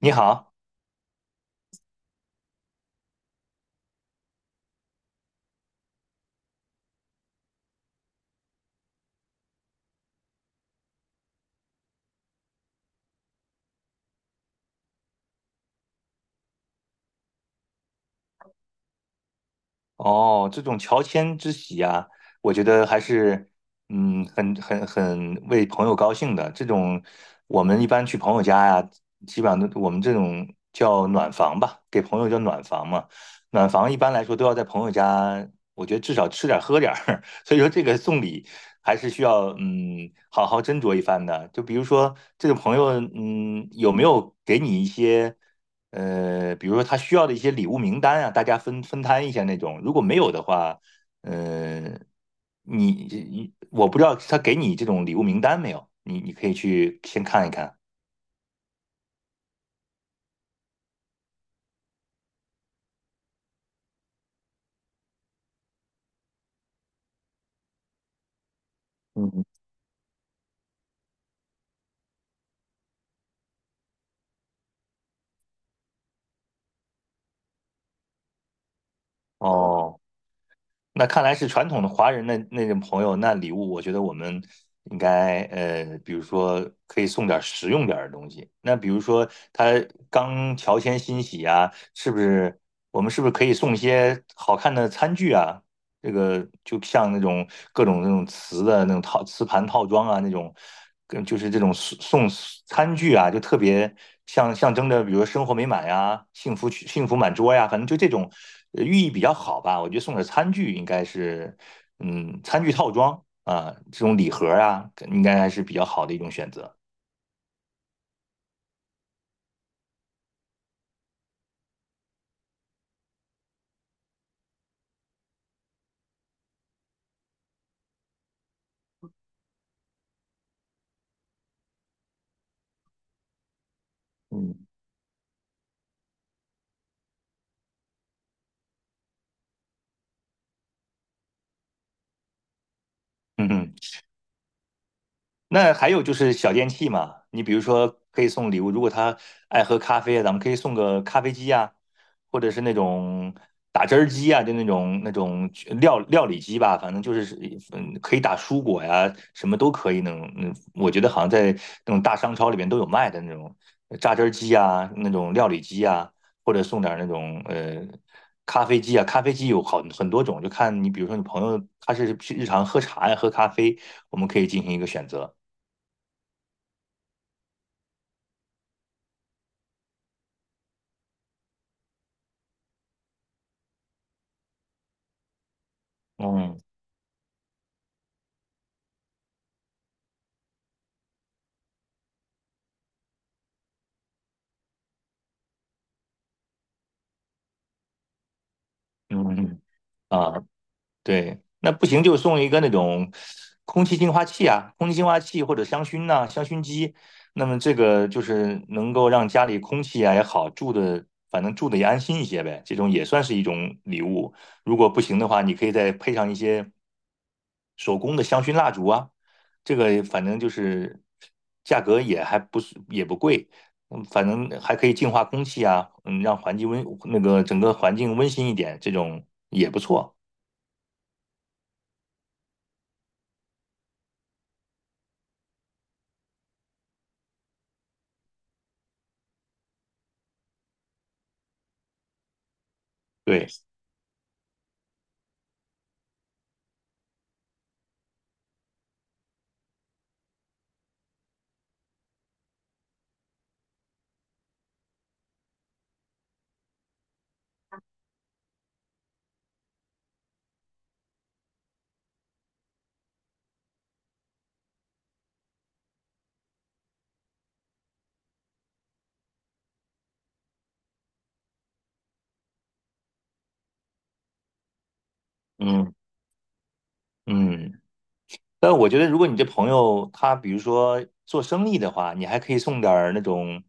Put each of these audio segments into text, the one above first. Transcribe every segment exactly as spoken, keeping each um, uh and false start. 你好。哦，这种乔迁之喜啊，我觉得还是，嗯，很很很为朋友高兴的。这种我们一般去朋友家呀、基本上都我们这种叫暖房吧，给朋友叫暖房嘛。暖房一般来说都要在朋友家，我觉得至少吃点儿喝点儿。所以说这个送礼还是需要，嗯，好好斟酌一番的。就比如说这个朋友，嗯，有没有给你一些？呃，比如说他需要的一些礼物名单啊，大家分分摊一下那种。如果没有的话，呃，你你我不知道他给你这种礼物名单没有，你你可以去先看一看。嗯，哦，那看来是传统的华人的那种朋友，那礼物我觉得我们应该呃，比如说可以送点实用点的东西。那比如说他刚乔迁新喜啊，是不是我们是不是可以送一些好看的餐具啊？这个就像那种各种那种瓷的那种套瓷盘套装啊，那种跟就是这种送送餐具啊，就特别像象征着，比如说生活美满呀、幸福幸福满桌呀，反正就这种呃寓意比较好吧。我觉得送点餐具应该是，嗯，餐具套装啊，这种礼盒啊，应该还是比较好的一种选择。嗯。嗯哼。那还有就是小电器嘛，你比如说可以送礼物，如果他爱喝咖啡啊咱们可以送个咖啡机呀，或者是那种打汁儿机呀，就那种那种料料理机吧，反正就是嗯，可以打蔬果呀，什么都可以那种。嗯，我觉得好像在那种大商超里面都有卖的那种榨汁儿机呀，那种料理机呀，或者送点儿那种呃咖啡机啊，咖啡机有好很多种，就看你比如说你朋友他是日常喝茶呀，喝咖啡，我们可以进行一个选择。嗯。嗯。嗯。啊，对，那不行就送一个那种空气净化器啊，空气净化器或者香薰呐、香薰机。那么这个就是能够让家里空气啊也好，住的反正住的也安心一些呗。这种也算是一种礼物。如果不行的话，你可以再配上一些。手工的香薰蜡烛啊，这个反正就是价格也还不是也不贵，嗯，反正还可以净化空气啊，嗯，让环境温那个整个环境温馨一点，这种也不错。对。嗯。嗯。但我觉得，如果你这朋友他比如说做生意的话，你还可以送点儿那种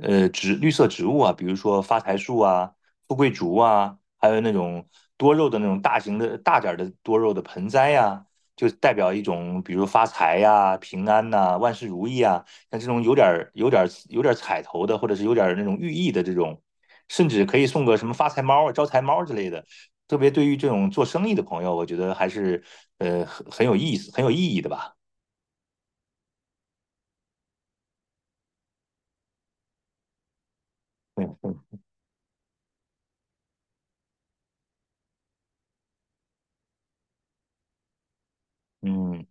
呃植绿色植物啊，比如说发财树啊、富贵竹啊，还有那种多肉的那种大型的大点儿的多肉的盆栽呀、就代表一种比如发财呀、平安呐、万事如意啊，像这种有点儿有点儿有点儿彩头的，或者是有点儿那种寓意的这种，甚至可以送个什么发财猫啊、招财猫之类的。特别对于这种做生意的朋友，我觉得还是呃很很有意思、很有意义的吧。嗯。嗯。嗯。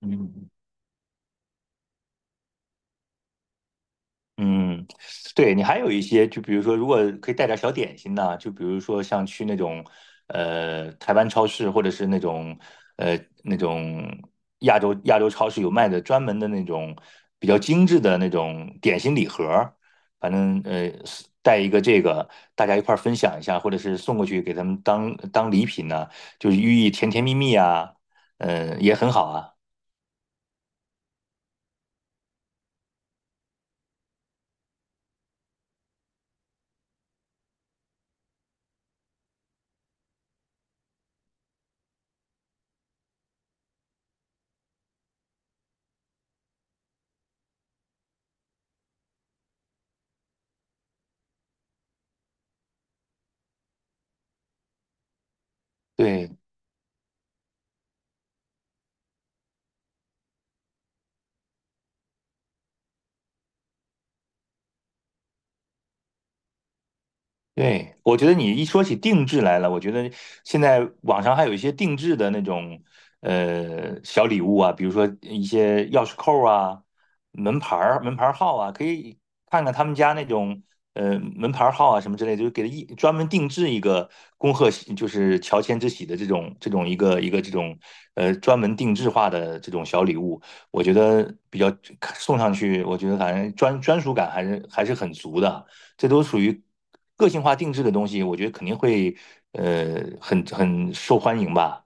嗯。嗯，对你还有一些，就比如说，如果可以带点小点心呢，就比如说像去那种呃台湾超市，或者是那种呃那种亚洲亚洲超市有卖的专门的那种比较精致的那种点心礼盒儿，反正呃是带一个这个，大家一块儿分享一下，或者是送过去给他们当当礼品呢，就是寓意甜甜蜜蜜啊，嗯、也很好啊。对。对，我觉得你一说起定制来了，我觉得现在网上还有一些定制的那种呃小礼物啊，比如说一些钥匙扣啊、门牌儿、门牌儿号啊，可以看看他们家那种呃门牌儿号啊什么之类的，就给他一专门定制一个恭贺喜，就是乔迁之喜的这种这种一个一个这种呃专门定制化的这种小礼物，我觉得比较送上去，我觉得反正专专属感还是还是很足的。这都属于个性化定制的东西，我觉得肯定会呃很很受欢迎吧。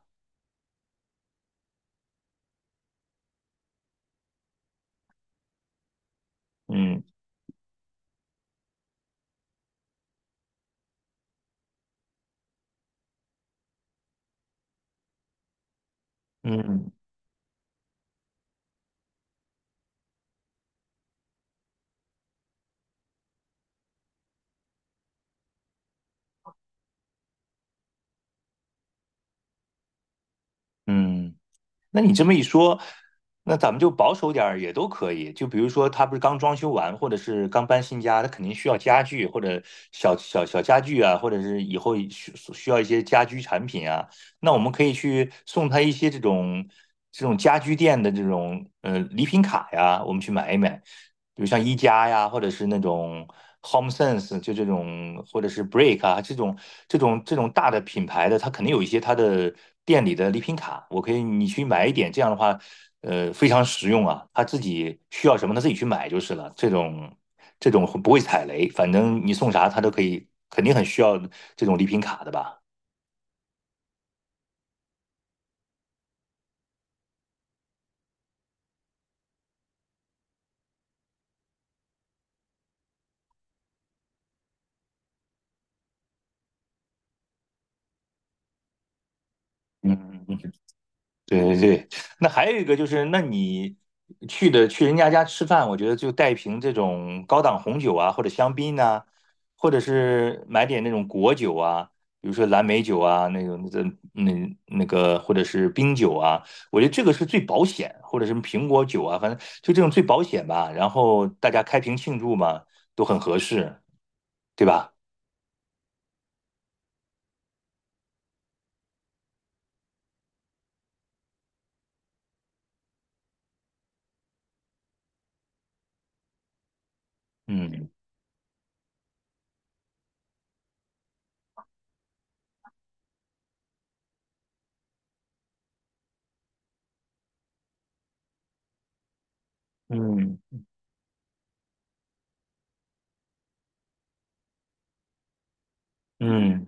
嗯。嗯。嗯，那你这么一说，那咱们就保守点儿也都可以。就比如说，他不是刚装修完，或者是刚搬新家，他肯定需要家具或者小小小家具啊，或者是以后需需要一些家居产品啊。那我们可以去送他一些这种这种家居店的这种呃礼品卡呀，我们去买一买，比如像一加呀，或者是那种 HomeSense,就这种或者是 Break 啊这种这种这种大的品牌的，它肯定有一些它的店里的礼品卡，我可以你去买一点，这样的话，呃，非常实用啊，他自己需要什么他自己去买就是了，这种这种不会踩雷，反正你送啥他都可以，肯定很需要这种礼品卡的吧。嗯。嗯。对对对，那还有一个就是，那你去的去人家家吃饭，我觉得就带瓶这种高档红酒啊，或者香槟呐、或者是买点那种果酒啊，比如说蓝莓酒啊，那种那个那那个，或者是冰酒啊，我觉得这个是最保险，或者什么苹果酒啊，反正就这种最保险吧。然后大家开瓶庆祝嘛，都很合适，对吧？嗯。嗯。嗯，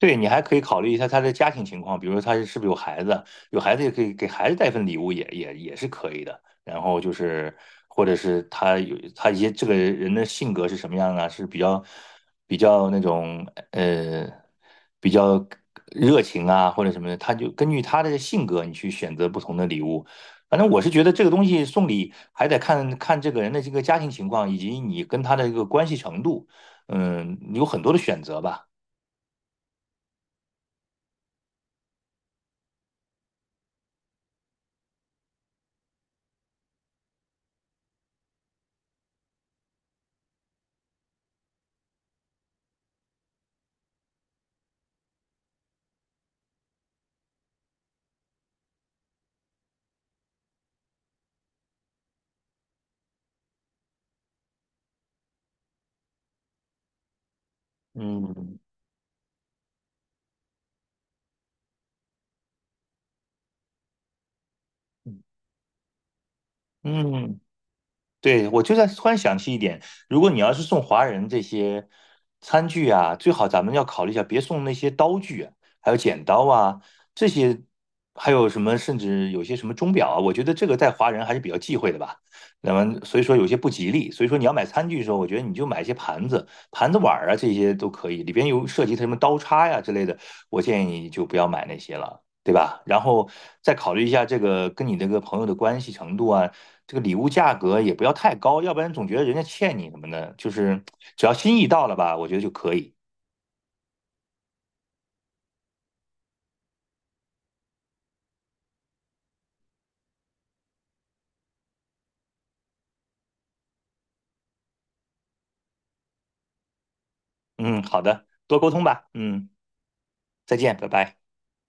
对，你还可以考虑一下他的家庭情况，比如说他是不是有孩子，有孩子也可以给孩子带份礼物也，也也是可以的。然后就是，或者是他有他一些这个人的性格是什么样啊？是比较比较那种呃比较热情啊，或者什么的，他就根据他的性格，你去选择不同的礼物。反正我是觉得这个东西送礼还得看看这个人的这个家庭情况，以及你跟他的一个关系程度。嗯，有很多的选择吧。嗯。嗯，对，我就在突然想起一点，如果你要是送华人这些餐具啊，最好咱们要考虑一下，别送那些刀具啊，还有剪刀啊这些，还有什么甚至有些什么钟表啊，我觉得这个在华人还是比较忌讳的吧。那么所以说有些不吉利，所以说你要买餐具的时候，我觉得你就买一些盘子、盘子碗儿啊这些都可以，里边有涉及它什么刀叉呀、之类的，我建议你就不要买那些了。对吧？然后再考虑一下这个跟你这个朋友的关系程度啊，这个礼物价格也不要太高，要不然总觉得人家欠你什么的。就是只要心意到了吧，我觉得就可以。嗯，好的，多沟通吧。嗯，再见，拜拜。